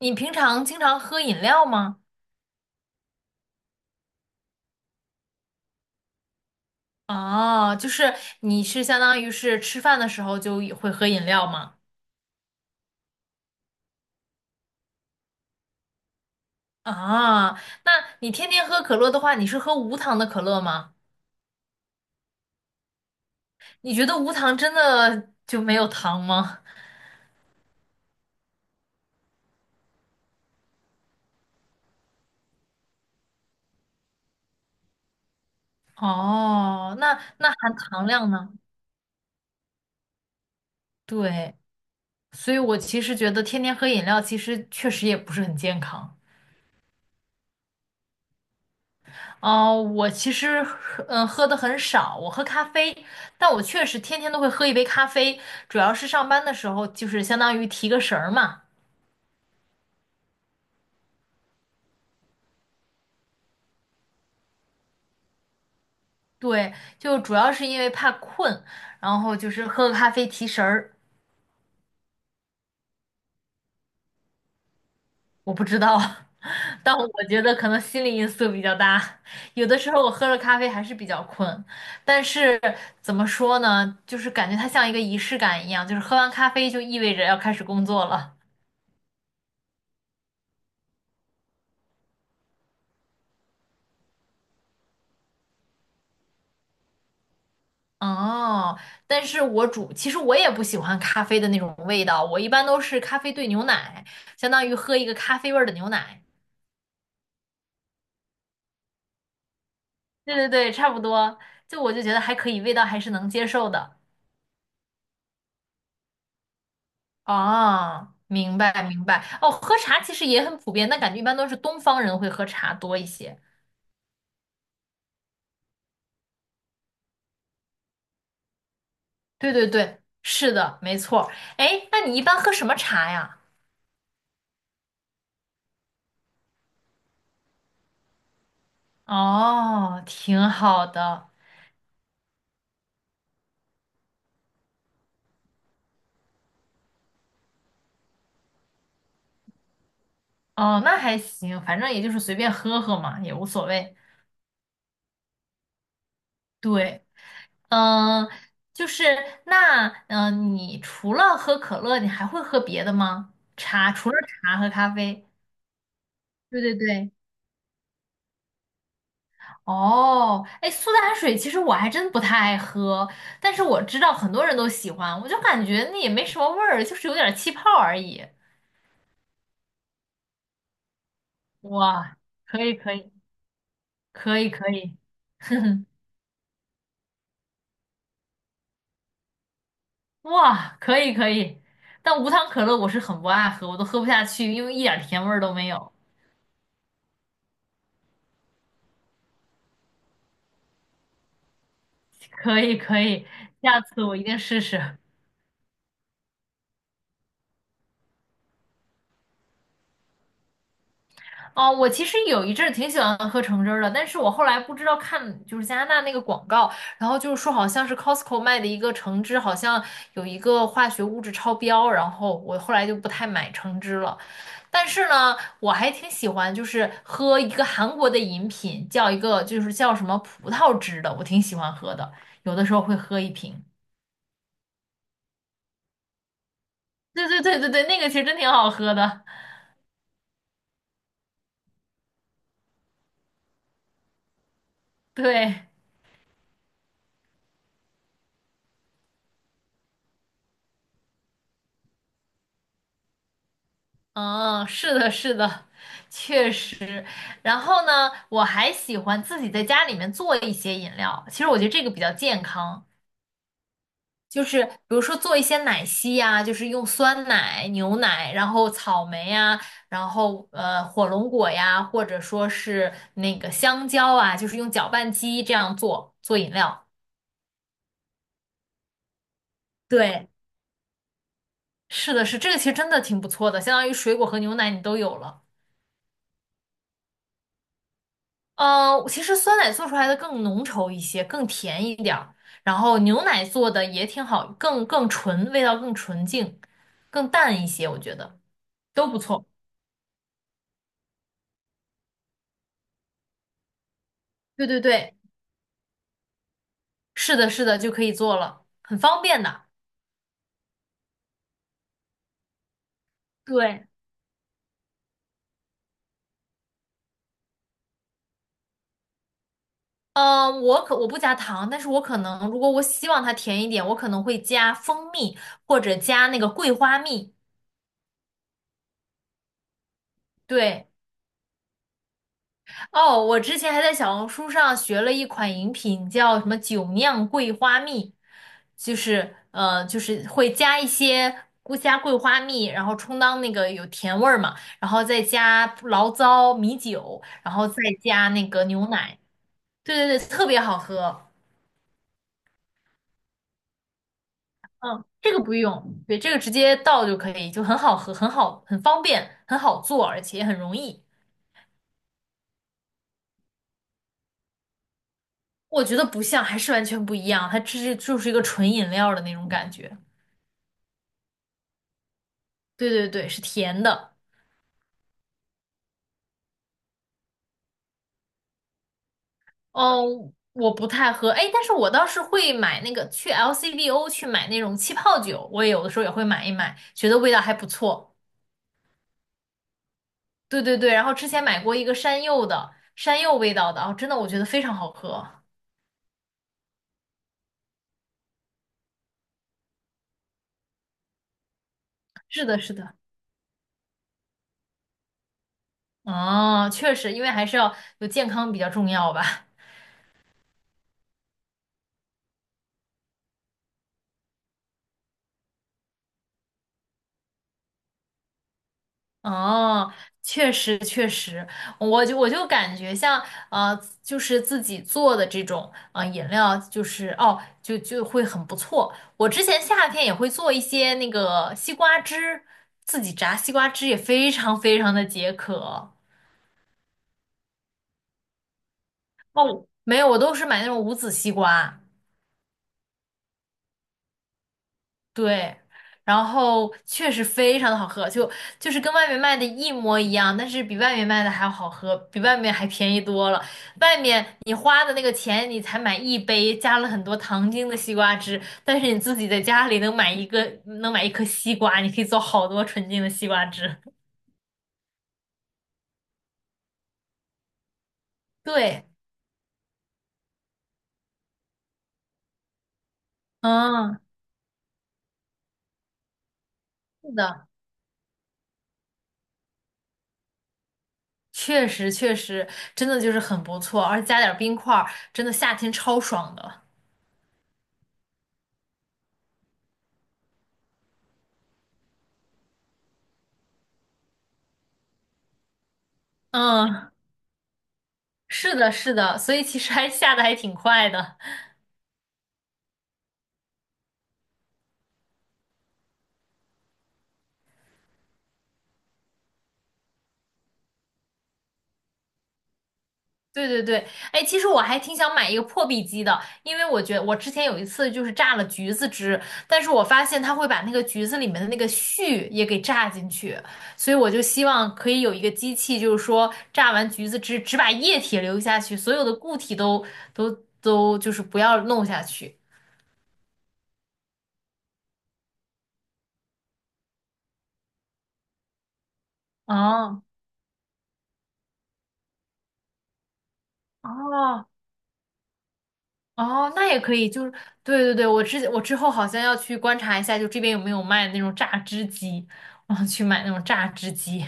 你平常经常喝饮料吗？哦，就是你是相当于是吃饭的时候就也会喝饮料吗？啊，那你天天喝可乐的话，你是喝无糖的可乐吗？你觉得无糖真的就没有糖吗？哦，那含糖量呢？对，所以我其实觉得天天喝饮料其实确实也不是很健康。哦，我其实喝的很少，我喝咖啡，但我确实天天都会喝一杯咖啡，主要是上班的时候就是相当于提个神儿嘛。对，就主要是因为怕困，然后就是喝个咖啡提神儿。我不知道，但我觉得可能心理因素比较大，有的时候我喝了咖啡还是比较困，但是怎么说呢，就是感觉它像一个仪式感一样，就是喝完咖啡就意味着要开始工作了。哦，但是我煮，其实我也不喜欢咖啡的那种味道，我一般都是咖啡兑牛奶，相当于喝一个咖啡味儿的牛奶。对对对，差不多，就我就觉得还可以，味道还是能接受的。哦，明白明白。哦，喝茶其实也很普遍，但感觉一般都是东方人会喝茶多一些。对对对，是的，没错儿。哎，那你一般喝什么茶呀？哦，挺好的。哦，那还行，反正也就是随便喝喝嘛，也无所谓。对。嗯，就是那，嗯，你除了喝可乐，你还会喝别的吗？茶，除了茶和咖啡。对对对。哦，哎，苏打水其实我还真不太爱喝，但是我知道很多人都喜欢，我就感觉那也没什么味儿，就是有点儿气泡而已。哇，可以可以可以可以，哼哼，哇，可以可以。但无糖可乐我是很不爱喝，我都喝不下去，因为一点儿甜味儿都没有。可以可以，下次我一定试试。哦，我其实有一阵儿挺喜欢喝橙汁儿的，但是我后来不知道看就是加拿大那个广告，然后就是说好像是 Costco 卖的一个橙汁，好像有一个化学物质超标，然后我后来就不太买橙汁了。但是呢，我还挺喜欢就是喝一个韩国的饮品，叫一个就是叫什么葡萄汁的，我挺喜欢喝的，有的时候会喝一瓶。对对对对对，那个其实真挺好喝的，对。嗯，是的，是的，确实。然后呢，我还喜欢自己在家里面做一些饮料。其实我觉得这个比较健康，就是比如说做一些奶昔呀、就是用酸奶、牛奶，然后草莓呀、然后火龙果呀，或者说是那个香蕉啊，就是用搅拌机这样做做饮料。对，是的，是这个，其实真的挺不错的，相当于水果和牛奶你都有了。其实酸奶做出来的更浓稠一些，更甜一点儿，然后牛奶做的也挺好，更更纯，味道更纯净，更淡一些，我觉得都不错。对对对，是的，是的，就可以做了，很方便的。对，我不加糖，但是我可能如果我希望它甜一点，我可能会加蜂蜜或者加那个桂花蜜。对。哦，我之前还在小红书上学了一款饮品，叫什么“酒酿桂花蜜”，就是就是会加一些菇加桂花蜜，然后充当那个有甜味儿嘛，然后再加醪糟、米酒，然后再加那个牛奶。对对对，特别好喝。这个不用，对，这个直接倒就可以，就很好喝，很好，很方便，很好做，而且也很容易。我觉得不像，还是完全不一样，它这是就是一个纯饮料的那种感觉。对对对，是甜的。哦，我不太喝，哎，但是我倒是会买那个去 LCBO 去买那种气泡酒，我也有的时候也会买一买，觉得味道还不错。对对对，然后之前买过一个山柚的，山柚味道的，哦，真的我觉得非常好喝。是的，是的。哦，确实，因为还是要有健康比较重要吧。哦，确实确实，我就感觉像就是自己做的这种饮料，就是哦，就会很不错。我之前夏天也会做一些那个西瓜汁，自己榨西瓜汁也非常非常的解渴。哦，没有，我都是买那种无籽西瓜。对，然后确实非常的好喝，就是跟外面卖的一模一样，但是比外面卖的还要好喝，比外面还便宜多了。外面你花的那个钱，你才买一杯加了很多糖精的西瓜汁，但是你自己在家里能买一个，能买一颗西瓜，你可以做好多纯净的西瓜汁。对，嗯，是的，确实确实，真的就是很不错，而且加点儿冰块儿真的夏天超爽的。嗯。是的，是的，所以其实还下的还挺快的。对对对，哎，其实我还挺想买一个破壁机的，因为我觉得我之前有一次就是榨了橘子汁，但是我发现它会把那个橘子里面的那个絮也给榨进去，所以我就希望可以有一个机器，就是说榨完橘子汁只把液体留下去，所有的固体都都就是不要弄下去。哦哦，哦，那也可以，就是对对对，我之后好像要去观察一下，就这边有没有卖那种榨汁机，我想去买那种榨汁机。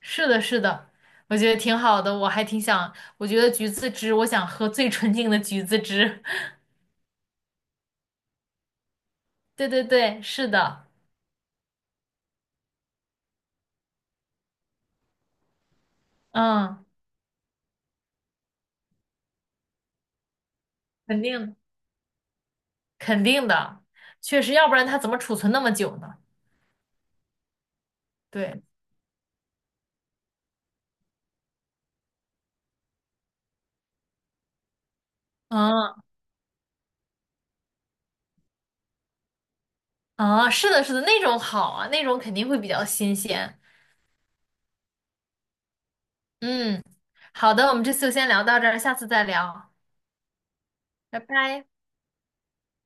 是的，是的，我觉得挺好的，我还挺想，我觉得橘子汁，我想喝最纯净的橘子汁。对对对，是的，嗯，肯定肯定的，确实，要不然它怎么储存那么久呢？对，嗯啊，是的，是的，那种好啊，那种肯定会比较新鲜。嗯，好的，我们这次就先聊到这儿，下次再聊。拜拜。